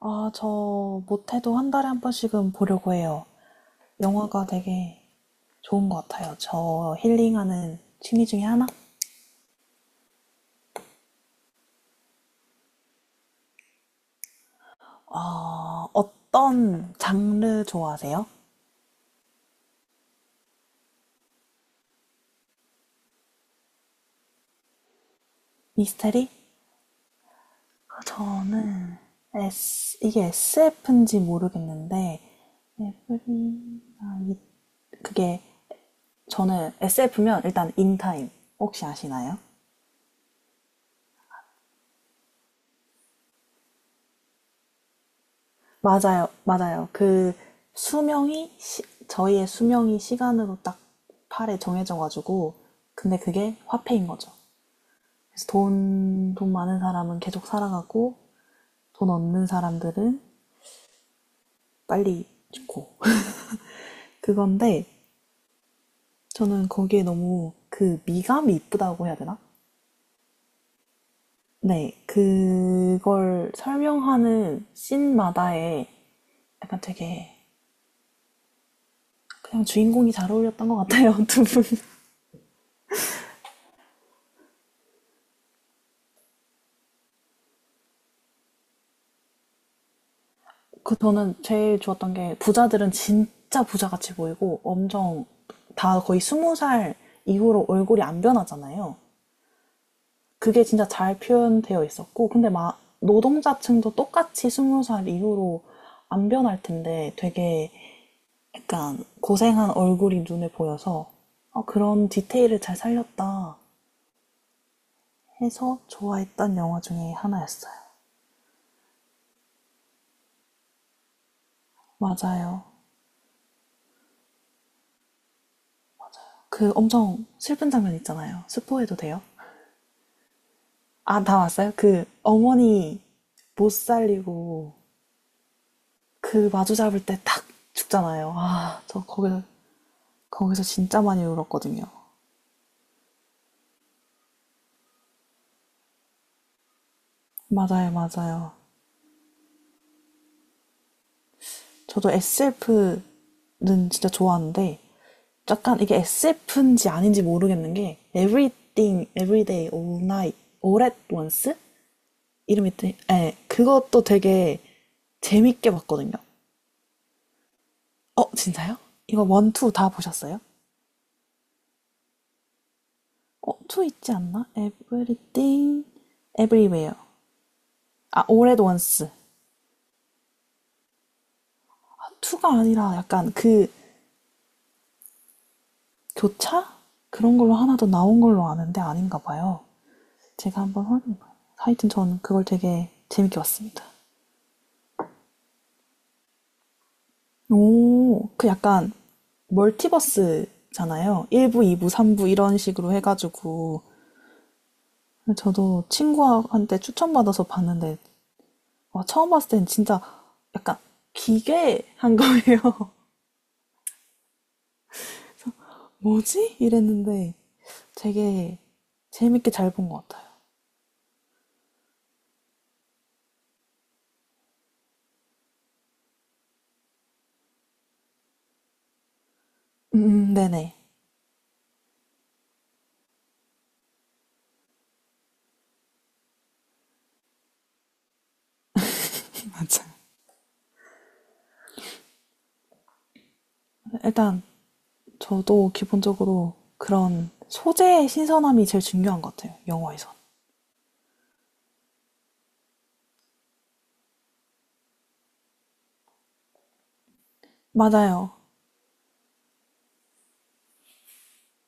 저 못해도 한 달에 한 번씩은 보려고 해요. 영화가 되게 좋은 것 같아요. 저 힐링하는 취미 중에 하나? 아, 어떤 장르 좋아하세요? 미스테리? 저는 이게 SF인지 모르겠는데, 에브리나잇 그게 저는 SF면 일단 인타임 혹시 아시나요? 맞아요, 맞아요. 그 수명이 시- 저희의 수명이 시간으로 딱 팔에 정해져 가지고 근데 그게 화폐인 거죠. 그래서 돈 많은 사람은 계속 살아가고 돈 없는 사람들은 빨리 죽고 그건데 저는 거기에 너무 그 미감이 이쁘다고 해야 되나? 네, 그걸 설명하는 씬마다에 약간 되게 그냥 주인공이 잘 어울렸던 것 같아요, 두 분. 그 저는 제일 좋았던 게 부자들은 진짜 부자같이 보이고 엄청 다 거의 스무 살 이후로 얼굴이 안 변하잖아요. 그게 진짜 잘 표현되어 있었고, 근데 막 노동자층도 똑같이 스무 살 이후로 안 변할 텐데 되게 약간 고생한 얼굴이 눈에 보여서 어, 그런 디테일을 잘 살렸다 해서 좋아했던 영화 중에 하나였어요. 맞아요. 그 엄청 슬픈 장면 있잖아요. 스포해도 돼요? 아, 다 왔어요? 그 어머니 못 살리고 그 마주 잡을 때 탁 죽잖아요. 아, 저 거기서 진짜 많이 울었거든요. 맞아요, 맞아요. 저도 SF는 진짜 좋아하는데 약간 이게 SF인지 아닌지 모르겠는 게 Everything, Everyday, All Night, All at Once 이름이 예, 그것도 되게 재밌게 봤거든요. 어, 진짜요? 이거 원, 투 다 보셨어요? 어, 투 있지 않나? Everything, Everywhere. 아, All at Once. 투가 아니라 약간 그 교차? 그런 걸로 하나 더 나온 걸로 아는데 아닌가 봐요. 제가 한번 확인해 봐요. 하여튼 저는 그걸 되게 재밌게 봤습니다. 오, 그 약간 멀티버스잖아요. 1부, 2부, 3부 이런 식으로 해가지고. 저도 친구한테 추천받아서 봤는데, 와, 처음 봤을 땐 진짜 약간 기괴한 거예요. 뭐지? 이랬는데 되게 재밌게 잘 본 것 같아요. 네네. 맞아. 일단 저도 기본적으로 그런 소재의 신선함이 제일 중요한 것 같아요. 영화에선. 맞아요.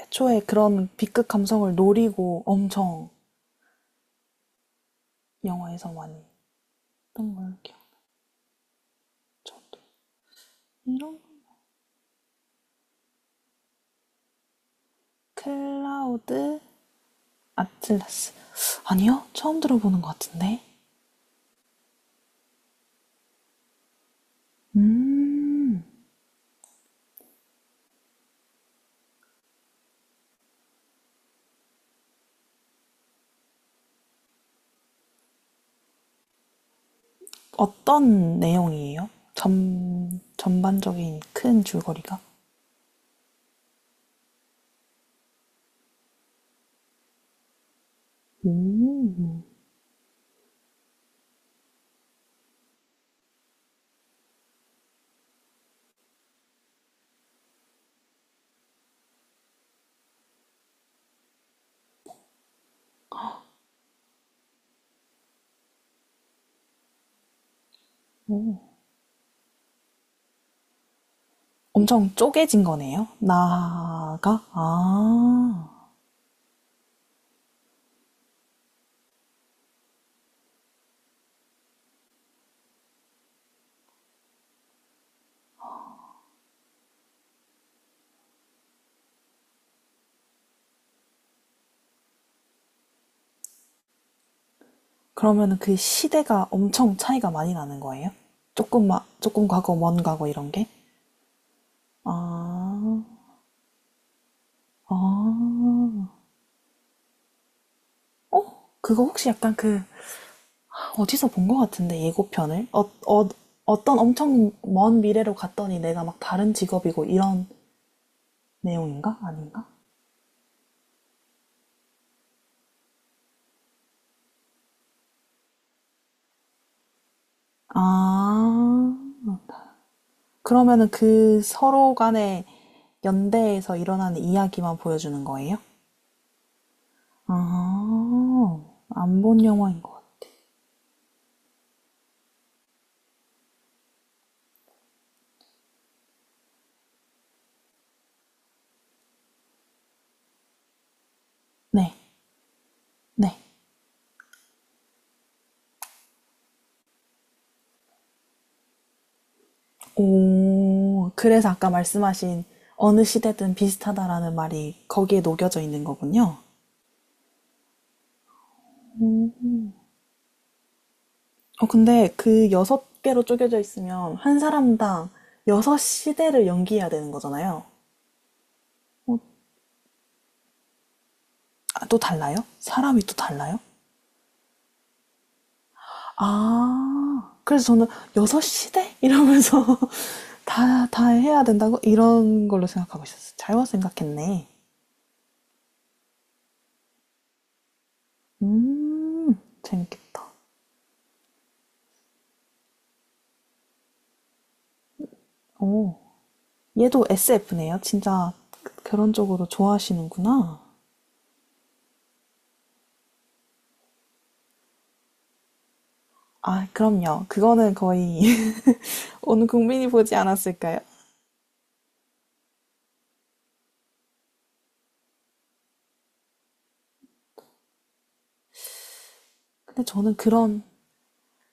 애초에 그런 B급 감성을 노리고 엄청 영화에서 많이 했던 걸 기억. 저도 이런 클라우드 아틀라스 아니요 처음 들어보는 것 같은데 음, 어떤 내용이에요? 전반적인 큰 줄거리가? 엄청 쪼개진 거네요? 나가? 아, 그러면 그 시대가 엄청 차이가 많이 나는 거예요? 조금 과거, 먼 과거 이런 게? 아, 아. 그거 혹시 약간 그, 어디서 본 것 같은데, 예고편을? 어, 어, 어떤 엄청 먼 미래로 갔더니 내가 막 다른 직업이고 이런 내용인가? 아닌가? 아. 그러면은 그 서로 간의 연대에서 일어나는 이야기만 보여주는 거예요? 아, 안 본 영화인 것 같아요. 네, 네. 오, 그래서 아까 말씀하신 어느 시대든 비슷하다라는 말이 거기에 녹여져 있는 거군요. 어, 근데 그 여섯 개로 쪼개져 있으면 한 사람당 여섯 시대를 연기해야 되는 거잖아요. 아, 또 달라요? 사람이 또 달라요? 아, 그래서 저는 여섯 시대 이러면서 다 해야 된다고? 이런 걸로 생각하고 있었어요. 잘못 생각했네. 재밌겠다. 오, 얘도 SF네요. 진짜 그런 쪽으로 좋아하시는구나. 아, 그럼요. 그거는 거의 온 국민이 보지 않았을까요? 근데 저는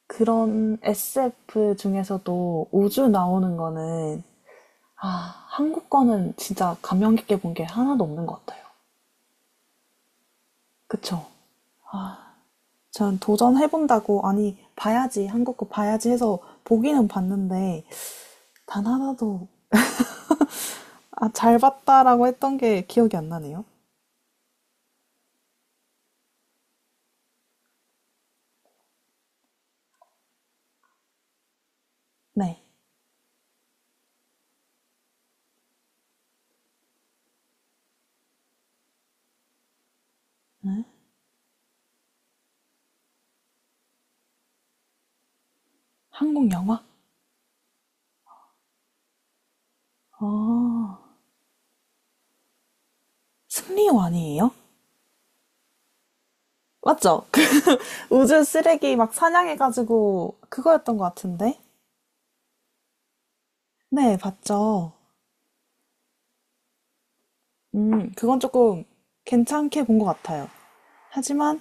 그런 SF 중에서도 우주 나오는 거는, 아, 한국 거는 진짜 감명 깊게 본 게 하나도 없는 것 같아요. 그쵸. 전 도전해본다고, 아니, 봐야지, 한국 거 봐야지 해서 보기는 봤는데, 단 하나도, 아, 잘 봤다라고 했던 게 기억이 안 나네요. 네. 한국 영화? 아, 승리원이에요? 맞죠? 그 우주 쓰레기 막 사냥해가지고, 그거였던 것 같은데? 네, 봤죠. 그건 조금 괜찮게 본 것 같아요. 하지만,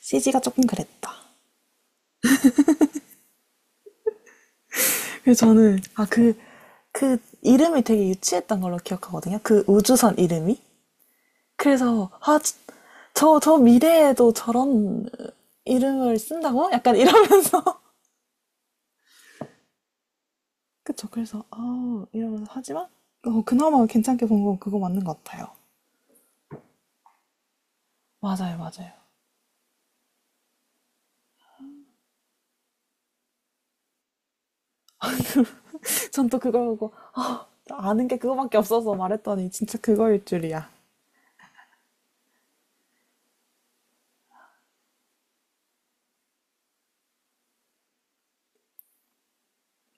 CG가 조금 그랬다. 그래서 저는, 아, 그, 그 이름이 되게 유치했던 걸로 기억하거든요. 그 우주선 이름이. 그래서 아, 저 미래에도 저런 이름을 쓴다고? 약간 이러면서. 그쵸. 그래서 아, 이러면서 하지만 어, 그나마 괜찮게 본 건 그거 맞는 것 같아요. 맞아요, 맞아요. 전 또 그걸 보고 아는 게 그거밖에 없어서 말했더니 진짜 그거일 줄이야.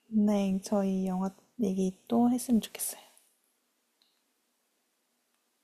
네, 저희 영화 얘기 또 했으면 좋겠어요.